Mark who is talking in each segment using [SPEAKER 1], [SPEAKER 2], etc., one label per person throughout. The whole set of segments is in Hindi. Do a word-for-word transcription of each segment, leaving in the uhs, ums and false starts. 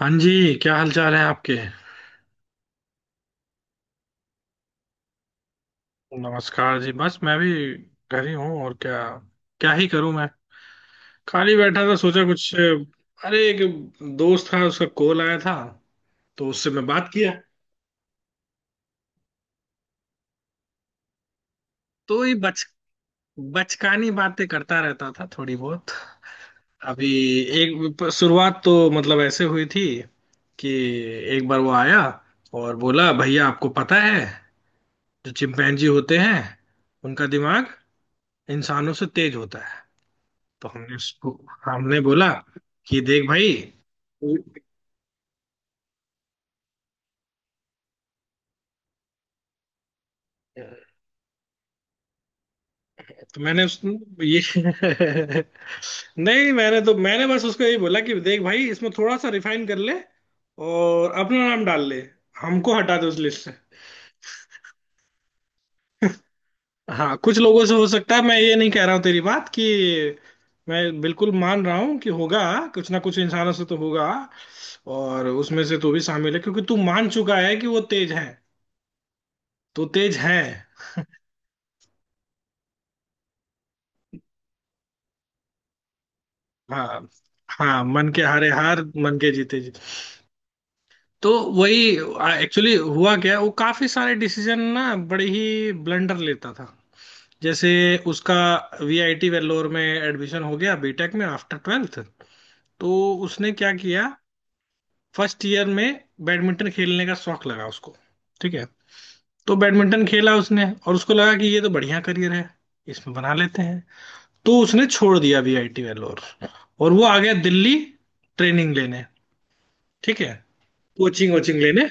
[SPEAKER 1] हाँ जी। क्या हाल चाल है आपके? नमस्कार जी, बस मैं भी घर ही हूँ, और क्या। क्या ही करूँ मैं, खाली बैठा था, सोचा कुछ। अरे एक दोस्त था, उसका कॉल आया था, तो उससे मैं बात किया। तो ये बच बचकानी बातें करता रहता था थोड़ी बहुत। अभी एक प- शुरुआत तो मतलब ऐसे हुई थी कि एक बार वो आया और बोला, भैया, आपको पता है जो चिंपैंजी होते हैं उनका दिमाग इंसानों से तेज होता है। तो हमने उसको हमने बोला कि देख भाई। तो मैंने उस ये नहीं, मैंने तो मैंने बस उसको यही बोला कि देख भाई, इसमें थोड़ा सा रिफाइन कर ले और अपना नाम डाल ले, हमको हटा दे उस लिस्ट से। हाँ, कुछ लोगों से हो सकता है। मैं ये नहीं कह रहा हूँ तेरी बात कि मैं बिल्कुल मान रहा हूँ कि होगा, कुछ ना कुछ इंसानों से तो होगा। और उसमें से तू भी शामिल है क्योंकि तू मान चुका है कि वो तेज है, तो तेज है। हाँ, हाँ, मन के हारे हार, मन के जीते जीत। तो वही। एक्चुअली हुआ क्या, वो काफी सारे डिसीजन ना, बड़े ही ब्लंडर लेता था। जैसे उसका वीआईटी वेल्लोर में एडमिशन हो गया बीटेक में, आफ्टर ट्वेल्थ। तो उसने क्या किया, फर्स्ट ईयर में बैडमिंटन खेलने का शौक लगा उसको। ठीक है, तो बैडमिंटन खेला उसने और उसको लगा कि ये तो बढ़िया करियर है, इसमें बना लेते हैं। तो उसने छोड़ दिया वीआईटी वेल्लोर और वो आ गया दिल्ली ट्रेनिंग लेने। ठीक है, कोचिंग वोचिंग लेने।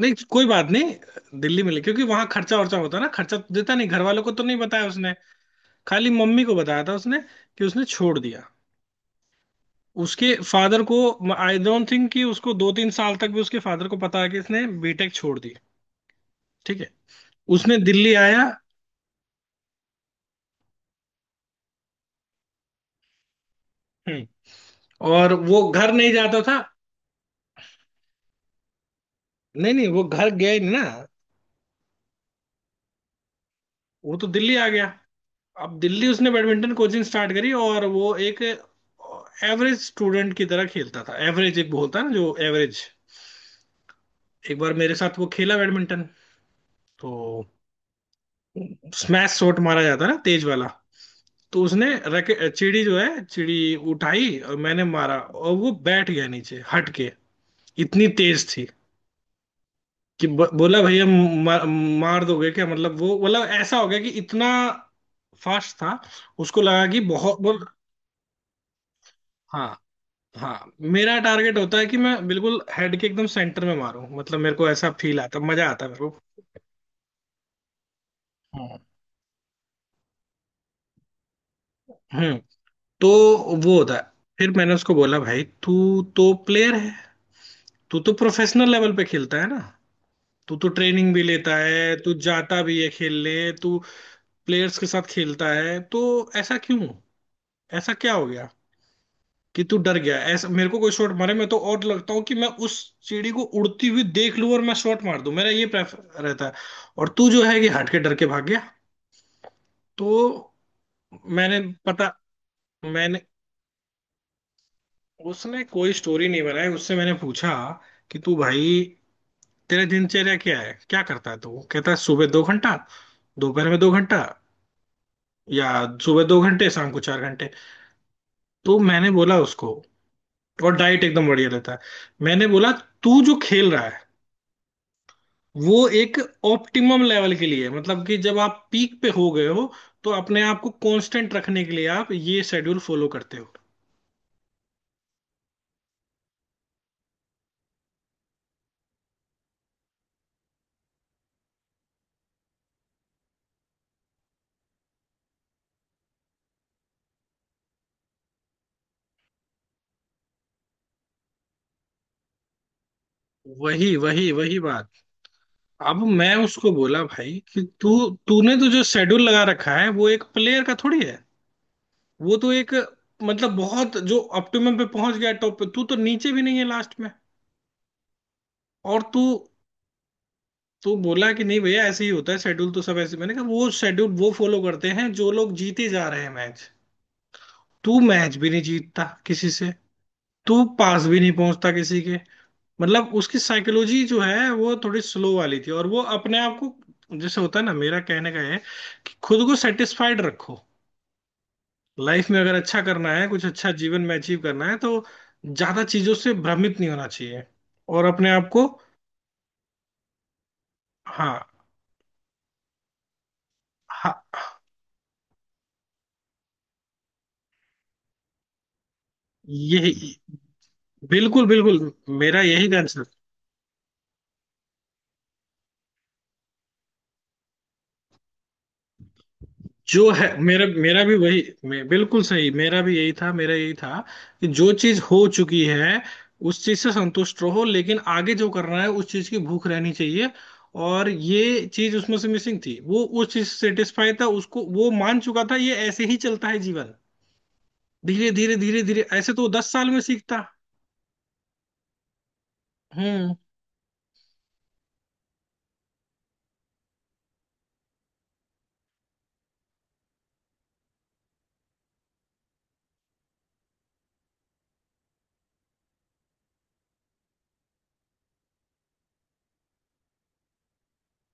[SPEAKER 1] नहीं, कोई बात नहीं, दिल्ली में ले, क्योंकि वहां खर्चा वर्चा होता है ना, खर्चा तो देता नहीं, घर वालों को तो नहीं बताया उसने। खाली मम्मी को बताया था उसने कि उसने छोड़ दिया। उसके फादर को, आई डोंट थिंक कि उसको दो तीन साल तक भी उसके फादर को पता है कि इसने बीटेक छोड़ दी। ठीक है, उसने दिल्ली आया। हम्म, और वो घर नहीं जाता था। नहीं नहीं, वो घर गया ही नहीं ना, वो तो दिल्ली आ गया। अब दिल्ली उसने बैडमिंटन कोचिंग स्टार्ट करी और वो एक एवरेज स्टूडेंट की तरह खेलता था। एवरेज एक वो होता है ना, जो एवरेज। एक बार मेरे साथ वो खेला बैडमिंटन, तो स्मैश शॉट मारा जाता है ना, तेज वाला। तो उसने रैके, चिड़ी जो है चिड़ी उठाई और मैंने मारा, और वो बैठ गया नीचे हट के। इतनी तेज थी कि ब, बोला भैया मार, मार दोगे क्या। मतलब वो मतलब ऐसा हो गया कि इतना फास्ट था, उसको लगा कि बहुत बोल। हाँ, हाँ, मेरा टारगेट होता है कि मैं बिल्कुल हेड के एकदम सेंटर में मारूं। मतलब मेरे को ऐसा फील आता, मजा आता है मेरे को। हम्म, हम्म। तो वो होता है। फिर मैंने उसको बोला, भाई, तू तो प्लेयर है, तू तो प्रोफेशनल लेवल पे खेलता है ना, तू तो ट्रेनिंग भी लेता है, तू जाता भी है खेलने, तू प्लेयर्स के साथ खेलता है, तो ऐसा क्यों, ऐसा क्या हो गया कि तू डर गया। ऐसा मेरे को कोई शॉट मारे, मैं तो और लगता हूँ कि मैं उस सीढ़ी को उड़ती हुई देख लूं और मैं शॉट मार दूं, मेरा ये प्रेफर रहता है। और तू जो है कि हट के डर के भाग गया। तो मैंने पता मैंने उसने कोई स्टोरी नहीं बनाई। उससे मैंने पूछा कि तू भाई, तेरा दिनचर्या क्या है, क्या करता है तू। वो कहता है, सुबह दो घंटा, दोपहर में दो घंटा, या सुबह दो घंटे, शाम को चार घंटे। तो मैंने बोला उसको, और डाइट एकदम बढ़िया लेता है। मैंने बोला, तू जो खेल रहा है वो एक ऑप्टिमम लेवल के लिए है। मतलब कि जब आप पीक पे हो गए हो तो अपने आप को कांस्टेंट रखने के लिए आप ये शेड्यूल फॉलो करते हो। वही वही वही बात। अब मैं उसको बोला भाई कि तू, तूने तो जो शेड्यूल लगा रखा है वो एक प्लेयर का थोड़ी है। वो तो एक मतलब बहुत जो ऑप्टिमम पे पहुंच गया टॉप पे, तू तो नीचे भी नहीं है लास्ट में। और तू, तू बोला कि नहीं भैया, ऐसे ही होता है शेड्यूल तो सब ऐसे। मैंने कहा, वो शेड्यूल वो फॉलो करते हैं जो लोग जीते जा रहे हैं मैच, तू मैच भी नहीं जीतता किसी से, तू पास भी नहीं पहुंचता किसी के। मतलब उसकी साइकोलॉजी जो है वो थोड़ी स्लो वाली थी, और वो अपने आप को जैसे होता है ना, मेरा कहने का है कि खुद को सेटिस्फाइड रखो। लाइफ में अगर अच्छा करना है, कुछ अच्छा जीवन में अचीव करना है, तो ज्यादा चीजों से भ्रमित नहीं होना चाहिए और अपने आप को। हाँ, हाँ, यही, बिल्कुल बिल्कुल, मेरा यही कंसर्न जो है। मेरा मेरा भी वही मे, बिल्कुल सही, मेरा भी यही था, मेरा यही था कि जो चीज हो चुकी है उस चीज से संतुष्ट रहो, लेकिन आगे जो करना है उस चीज की भूख रहनी चाहिए। और ये चीज उसमें से मिसिंग थी, वो उस चीज से सेटिस्फाई था, उसको वो मान चुका था ये ऐसे ही चलता है जीवन, धीरे धीरे धीरे धीरे ऐसे तो वो दस साल में सीखता। हम्म,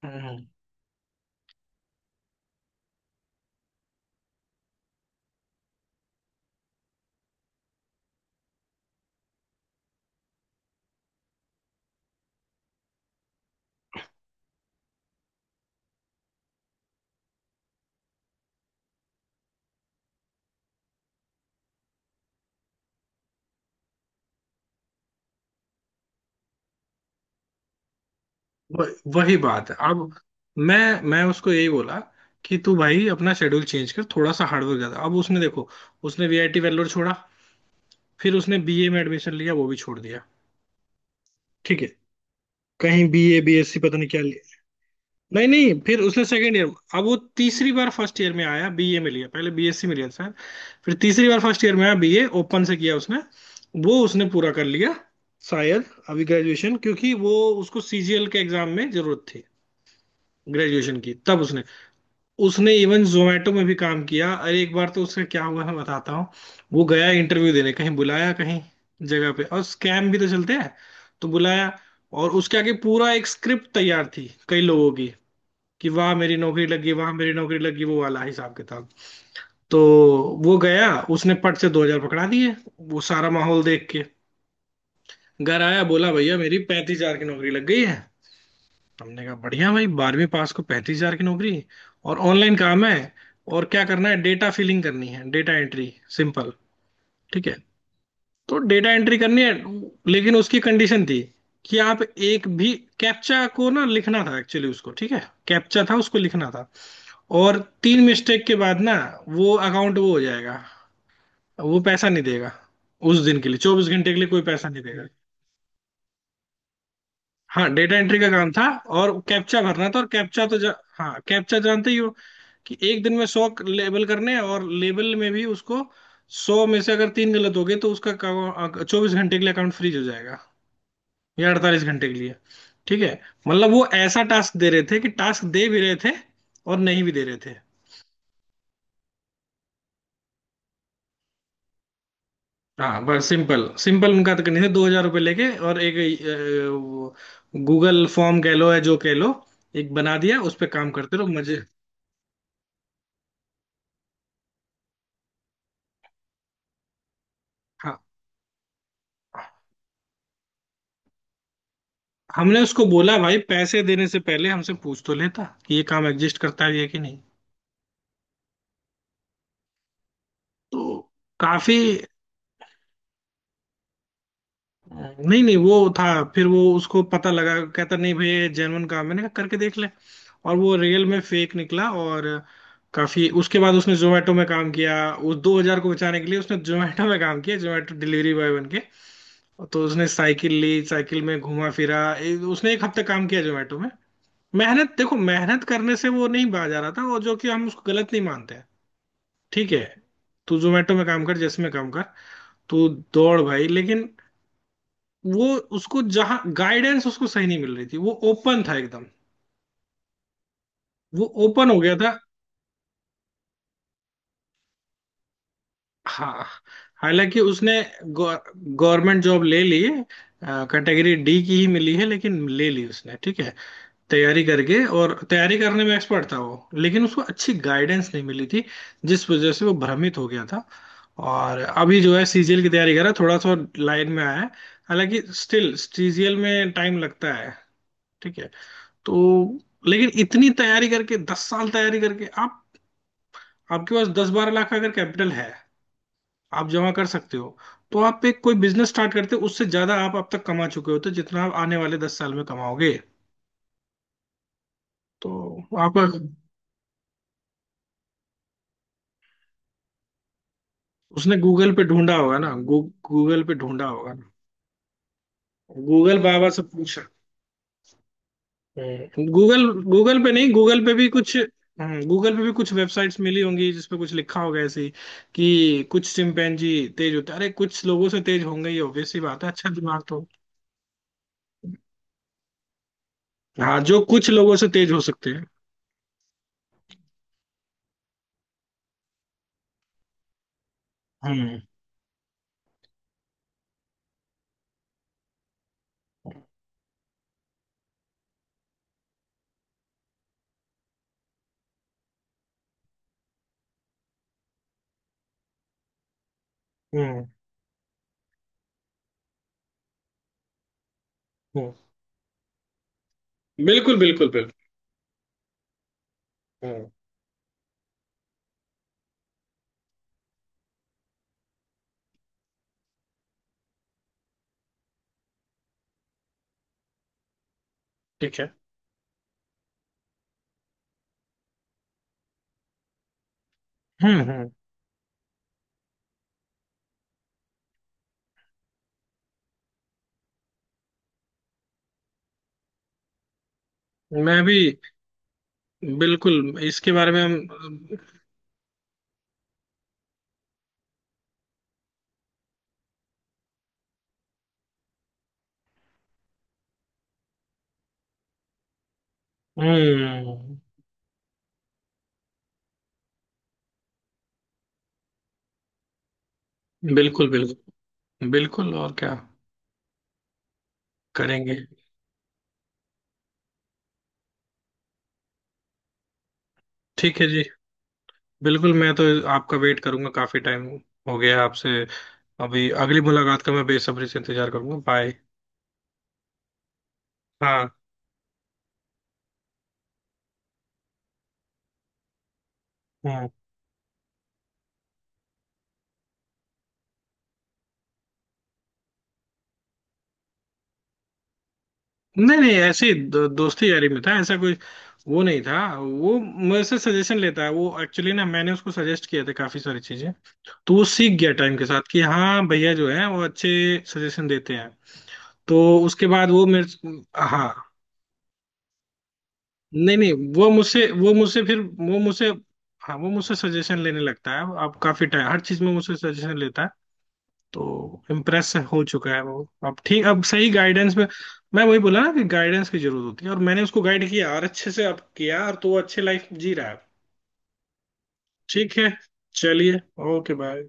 [SPEAKER 1] हम्म, हम्म। वह- वही बात है अब। मैं मैं उसको यही बोला कि तू भाई अपना शेड्यूल चेंज कर, थोड़ा सा हार्डवर्क ज्यादा। अब उसने, देखो, उसने वीआईटी वेल्लोर छोड़ा, फिर उसने बीए में एडमिशन लिया, वो भी छोड़ दिया। ठीक है, कहीं बीए, बीएससी, पता नहीं क्या लिया। नहीं नहीं, फिर उसने सेकंड ईयर, अब वो तीसरी बार फर्स्ट ईयर में आया, बीए में लिया, पहले बीएससी में लिया था शायद। फिर तीसरी बार फर्स्ट ईयर में आया, बीए ओपन से किया उसने, वो उसने पूरा कर लिया शायद अभी ग्रेजुएशन, क्योंकि वो, उसको सीजीएल के एग्जाम में जरूरत थी ग्रेजुएशन की। तब उसने, उसने इवन जोमेटो में भी काम किया। अरे एक बार तो उसका क्या हुआ, मैं बताता हूँ, वो गया इंटरव्यू देने कहीं, बुलाया कहीं जगह पे, और स्कैम भी तो चलते हैं। तो बुलाया और उसके आगे पूरा एक स्क्रिप्ट तैयार थी कई लोगों की कि वाह मेरी नौकरी लगी, वाह मेरी नौकरी लगी, वो वाला हिसाब किताब। तो वो गया, उसने पट से दो हजार पकड़ा दिए, वो सारा माहौल देख के। घर आया, बोला, भैया, मेरी पैंतीस हजार की नौकरी लग गई है। हमने कहा, बढ़िया भाई, बारहवीं पास को पैंतीस हजार की नौकरी, और ऑनलाइन काम है। और क्या करना है, डेटा फिलिंग करनी है, डेटा एंट्री, सिंपल। ठीक है, तो डेटा एंट्री करनी है, लेकिन उसकी कंडीशन थी कि आप एक भी कैप्चा को ना लिखना था एक्चुअली उसको। ठीक है, कैप्चा था उसको लिखना था। और तीन मिस्टेक के बाद ना, वो अकाउंट वो हो जाएगा, वो पैसा नहीं देगा, उस दिन के लिए, चौबीस घंटे के लिए कोई पैसा नहीं देगा। हाँ, डेटा एंट्री का काम था, और कैप्चा भरना था और कैप्चा तो जा, हाँ कैप्चा जानते ही हो, कि एक दिन में सौ लेबल करने हैं, और लेबल में भी उसको, सौ में से अगर तीन गलत हो गए तो उसका चौबीस घंटे के लिए अकाउंट फ्रीज हो जाएगा, या अड़तालीस घंटे के लिए। ठीक है, मतलब वो ऐसा टास्क दे रहे थे, कि टास्क दे भी रहे थे और नहीं भी दे रहे थे। हाँ, बस सिंपल सिंपल, उनका तो करनी थी दो हजार रुपये लेके, और एक गूगल फॉर्म कह लो या जो कह लो, एक बना दिया उस पर काम करते रहो मजे। हाँ, हमने उसको बोला भाई, पैसे देने से पहले हमसे पूछ तो लेता कि ये काम एग्जिस्ट करता है या कि नहीं। तो काफी, नहीं नहीं वो था, फिर वो उसको पता लगा। कहता, नहीं भाई ये जेनवन काम है, मैंने कहा करके देख ले। और वो रियल में फेक निकला। और काफी उसके बाद उसने जोमेटो में काम किया, उस दो हज़ार को बचाने के लिए उसने जोमेटो में काम किया, जोमेटो डिलीवरी बॉय बन के। तो उसने साइकिल ली, साइकिल में घुमा फिरा, ए- उसने एक हफ्ता काम किया जोमेटो में। मेहनत देखो, मेहनत करने से वो नहीं बाज आ रहा था, और जो कि हम उसको गलत नहीं मानते हैं। ठीक है, तू जोमेटो में काम कर, जिसमें काम कर, तू दौड़ भाई। लेकिन वो उसको जहां गाइडेंस उसको सही नहीं मिल रही थी, वो ओपन था एकदम, वो ओपन हो गया था। हाँ, हालांकि उसने गवर्नमेंट जॉब ले ली, कैटेगरी डी की ही मिली है लेकिन ले ली उसने। ठीक है, तैयारी करके, और तैयारी करने में एक्सपर्ट था वो, लेकिन उसको अच्छी गाइडेंस नहीं मिली थी जिस वजह से वो भ्रमित हो गया था। और अभी जो है सीजीएल की तैयारी कर रहा है, थोड़ा सा लाइन में आया है। हालांकि स्टिल सीजीएल में टाइम लगता है। ठीक है, तो लेकिन इतनी तैयारी करके, दस साल तैयारी करके, आप, आपके पास दस बारह लाख का अगर कैपिटल है, आप जमा कर सकते हो, तो आप एक कोई बिजनेस स्टार्ट करते हो, उससे ज्यादा आप अब तक कमा चुके होते हो तो जितना आप आने वाले दस साल में कमाओगे। तो आपका, उसने गूगल पे ढूंढा होगा ना, गू, गूगल पे ढूंढा होगा ना, गूगल बाबा से पूछ। गूगल गूगल पे नहीं, गूगल पे भी कुछ गूगल पे भी कुछ वेबसाइट्स मिली होंगी जिसपे कुछ लिखा होगा ऐसे ही, कि कुछ चिंपैंजी तेज होते हैं। अरे कुछ लोगों से तेज होंगे, ये ऑब्वियस सी बात है, अच्छा दिमाग तो। हाँ, जो कुछ लोगों से तेज हो सकते हैं। हम्म, हम्म, हम्म। बिल्कुल, बिल्कुल, बिल्कुल। हम्म, ठीक है। हम्म, हम्म। मैं भी, बिल्कुल इसके बारे में हम। हम्म। बिल्कुल, बिल्कुल, बिल्कुल, और क्या, करेंगे। ठीक है जी। बिल्कुल, मैं तो आपका वेट करूंगा, काफी टाइम हो गया आपसे। अभी अगली मुलाकात का मैं बेसब्री से इंतजार करूंगा, बाय। हाँ। हाँ, नहीं नहीं, ऐसे ही दो, दोस्ती यारी में था, ऐसा कोई वो नहीं था। वो मेरे से सजेशन लेता है, वो एक्चुअली ना, मैंने उसको सजेस्ट किया था काफी सारी चीजें, तो वो सीख गया टाइम के साथ कि हाँ भैया जो है वो अच्छे सजेशन देते हैं। तो उसके बाद वो मेरे, हाँ, नहीं नहीं, वो मुझसे वो मुझसे फिर वो मुझसे, हाँ, वो मुझसे सजेशन लेने लगता है अब, काफी टाइम हर चीज में मुझसे सजेशन लेता है। तो इम्प्रेस हो चुका है वो अब, ठीक, अब सही गाइडेंस में। मैं वही बोला ना कि गाइडेंस की जरूरत होती है, और मैंने उसको गाइड किया, और अच्छे से अब किया और, तो वो अच्छे लाइफ जी रहा है। ठीक है, चलिए, ओके बाय।